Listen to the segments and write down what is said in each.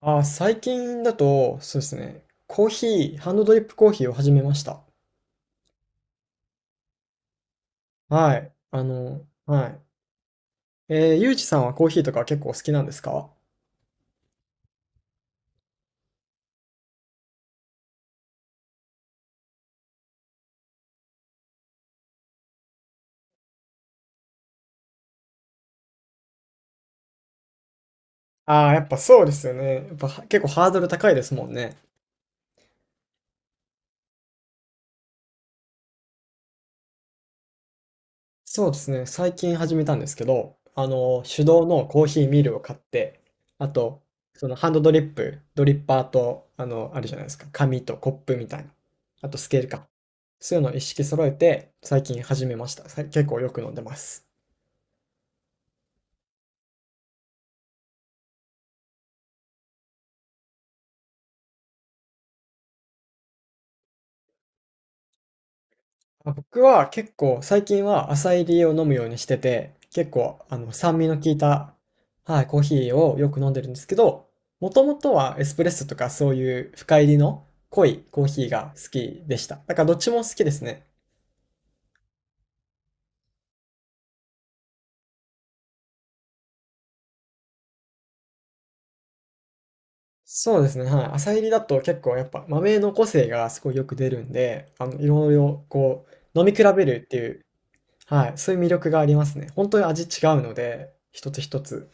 最近だと、そうですね。コーヒー、ハンドドリップコーヒーを始めました。はい。はい。ゆうじさんはコーヒーとか結構好きなんですか？ああー、やっぱそうですよね。やっぱは結構ハードル高いですもんね。そうですね。最近始めたんですけど、手動のコーヒーミルを買って、あと、そのハンドドリップ、ドリッパーと、あるじゃないですか。紙とコップみたいな。あとスケールか。そういうのを一式揃えて、最近始めました。結構よく飲んでます。あ、僕は結構最近は浅入りを飲むようにしてて、結構酸味の効いた、はい、コーヒーをよく飲んでるんですけど、もともとはエスプレッソとかそういう深入りの濃いコーヒーが好きでした。だからどっちも好きですね。そうですね、はい。浅煎りだと結構やっぱ豆の個性がすごいよく出るんで、いろいろこう飲み比べるっていう、はい、そういう魅力がありますね。本当に味違うので、一つ一つ。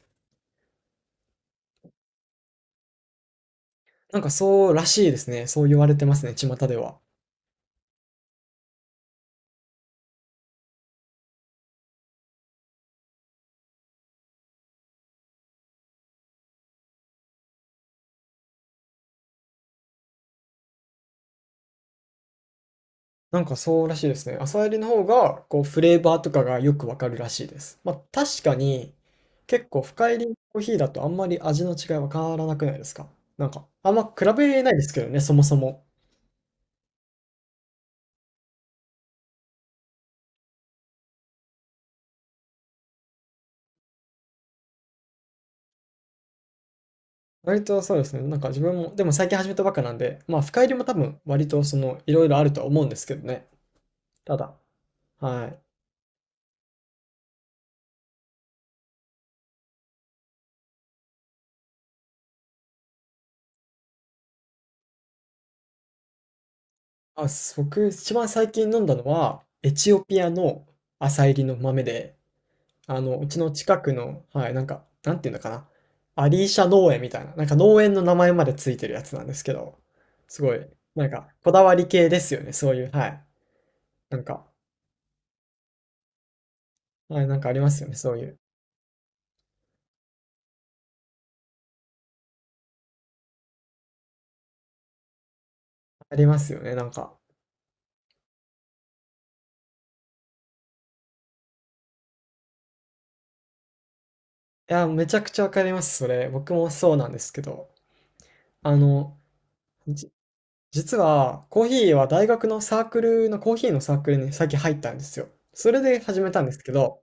なんかそうらしいですね。そう言われてますね、巷では。なんかそうらしいですね。朝入りの方が、こう、フレーバーとかがよくわかるらしいです。まあ、確かに、結構深入りのコーヒーだとあんまり味の違いわからなくないですか？なんか、あんま比べないですけどね、そもそも。割とそうですね。なんか自分も、でも最近始めたばっかなんで、まあ、深入りも多分、割とその、いろいろあるとは思うんですけどね。ただ、はい。あ、僕、一番最近飲んだのは、エチオピアの朝入りの豆で、うちの近くの、はい、なんか、なんていうのかな。アリーシャ農園みたいな、なんか農園の名前までついてるやつなんですけど、すごい、なんか、こだわり系ですよね、そういう、はい。なんか、はい、なんかありますよね、そういう。ありますよね、なんか。いや、めちゃくちゃわかります、それ。僕もそうなんですけど、あの、じ、実は、コーヒーは大学のサークルの、コーヒーのサークルに最近入ったんですよ。それで始めたんですけど、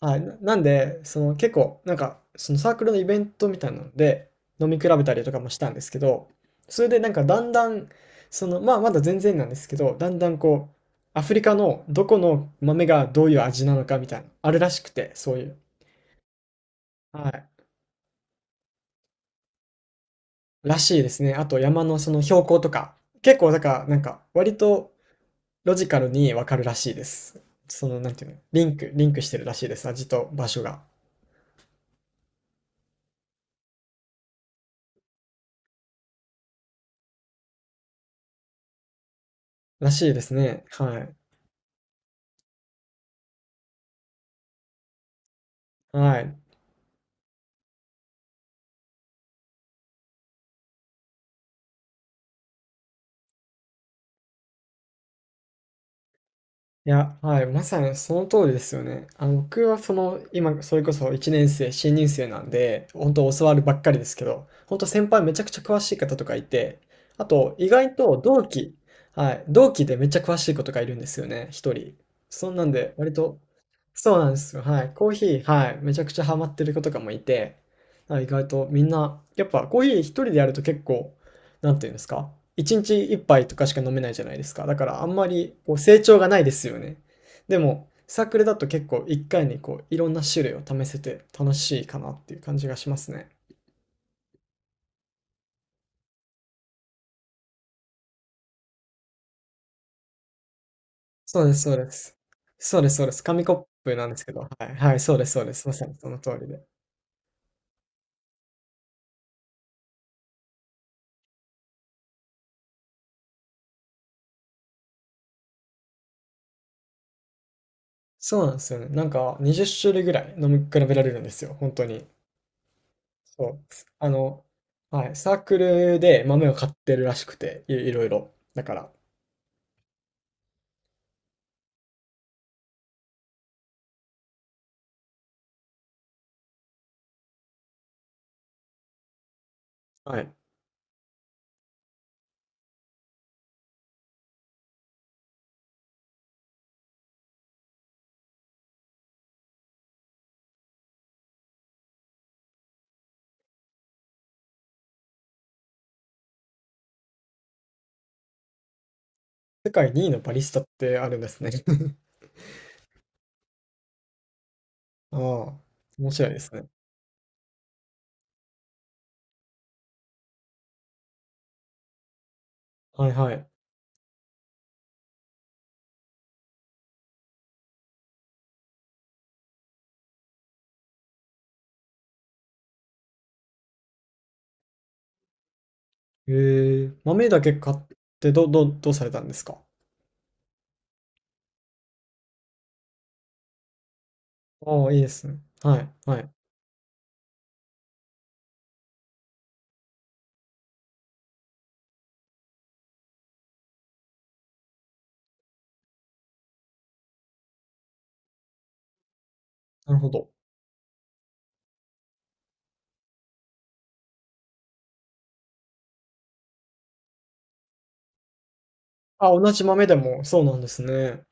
はい、なんで、その結構、なんか、そのサークルのイベントみたいなので、飲み比べたりとかもしたんですけど、それでなんかだんだん、その、まあまだ全然なんですけど、だんだんこう、アフリカのどこの豆がどういう味なのかみたいな、あるらしくて、そういう。はい。らしいですね。あと山のその標高とか、結構だから、なんか、割とロジカルにわかるらしいです。その、なんていうの、リンクしてるらしいです。味と場所が。らしいですね。はい。はい。いや、はい、まさにその通りですよね。僕はその、今、それこそ1年生、新入生なんで、本当教わるばっかりですけど、本当先輩めちゃくちゃ詳しい方とかいて、あと、意外と同期、はい、同期でめっちゃ詳しい子とかいるんですよね、一人。そんなんで、割と、そうなんですよ。はい、コーヒー、はい、めちゃくちゃハマってる子とかもいて、はい、意外とみんな、やっぱコーヒー一人でやると結構、なんていうんですか？一日一杯とかしか飲めないじゃないですか。だからあんまりこう成長がないですよね。でも、サークルだと結構一回にこういろんな種類を試せて楽しいかなっていう感じがしますね。そうですそうです。そうですそうです。紙コップなんですけど、はい、はい、そうですそうです。まさにその通りで。そうなんですよね。なんか20種類ぐらい飲み比べられるんですよ、本当に。そう。あの、はい、サークルで豆を買ってるらしくて、いろいろだから、はい。世界2位のバリスタってあるんですね。ああ、面白いですね。はいはい。へえ、豆だけ買ってどうされたんですか？ああ、いいですね。はい、はい。なるほど。あ、同じ豆でも、そうなんですね。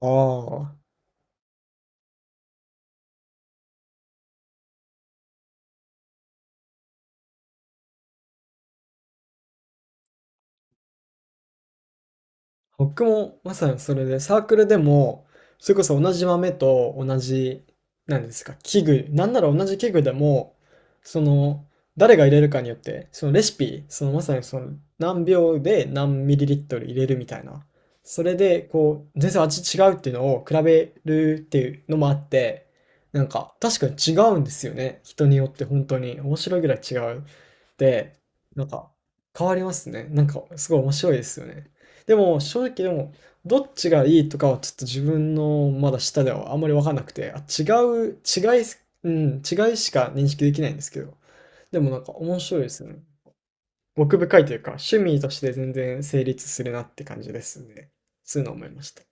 ああ。僕もまさにそれで、サークルでも、それこそ同じ豆と同じ、なんですか、器具、なんなら同じ器具でも、その、誰が入れるかによって、そのレシピ、そのまさにその何秒で何ミリリットル入れるみたいな。それで、こう、全然味違うっていうのを比べるっていうのもあって、なんか、確かに違うんですよね。人によって本当に。面白いぐらい違う。で、なんか、変わりますね。なんか、すごい面白いですよね。でも正直、でもどっちがいいとかはちょっと自分のまだ下ではあんまり分かんなくて、あ、違う、うん、違いしか認識できないんですけど、でもなんか面白いですね。奥深いというか、趣味として全然成立するなって感じですね。そういうのを思いました。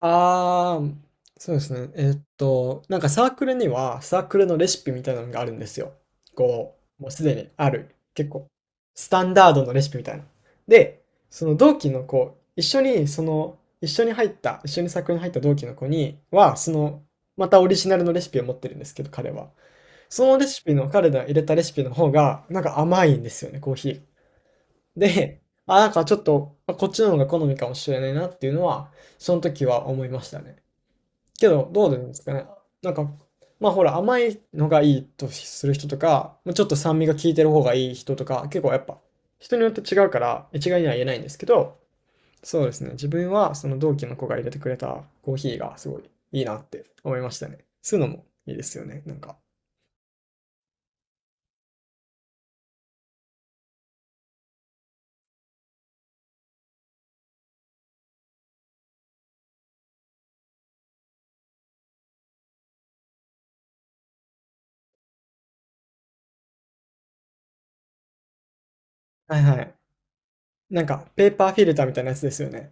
あー、そうですね。なんかサークルには、サークルのレシピみたいなのがあるんですよ。こう、もうすでにある、結構、スタンダードのレシピみたいな。で、その同期の子、一緒に、その、一緒に入った、一緒にサークルに入った同期の子には、その、またオリジナルのレシピを持ってるんですけど、彼は。そのレシピの、彼が入れたレシピの方が、なんか甘いんですよね、コーヒー。で、あ、なんかちょっと、あ、こっちの方が好みかもしれないなっていうのは、その時は思いましたね。けど、どうなんですかね。なんか、まあほら、甘いのがいいとする人とか、まあちょっと酸味が効いてる方がいい人とか、結構やっぱ、人によって違うから、一概には言えないんですけど、そうですね。自分はその同期の子が入れてくれたコーヒーがすごいいいなって思いましたね。そういうのもいいですよね。なんか。はいはい。なんか、ペーパーフィルターみたいなやつですよね。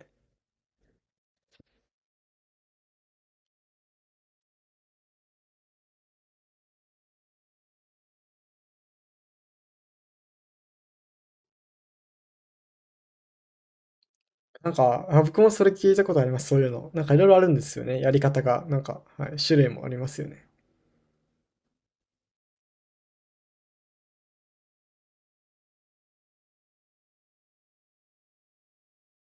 なんか、あ、僕もそれ聞いたことあります。そういうの。なんかいろいろあるんですよね。やり方が。なんか、はい、種類もありますよね。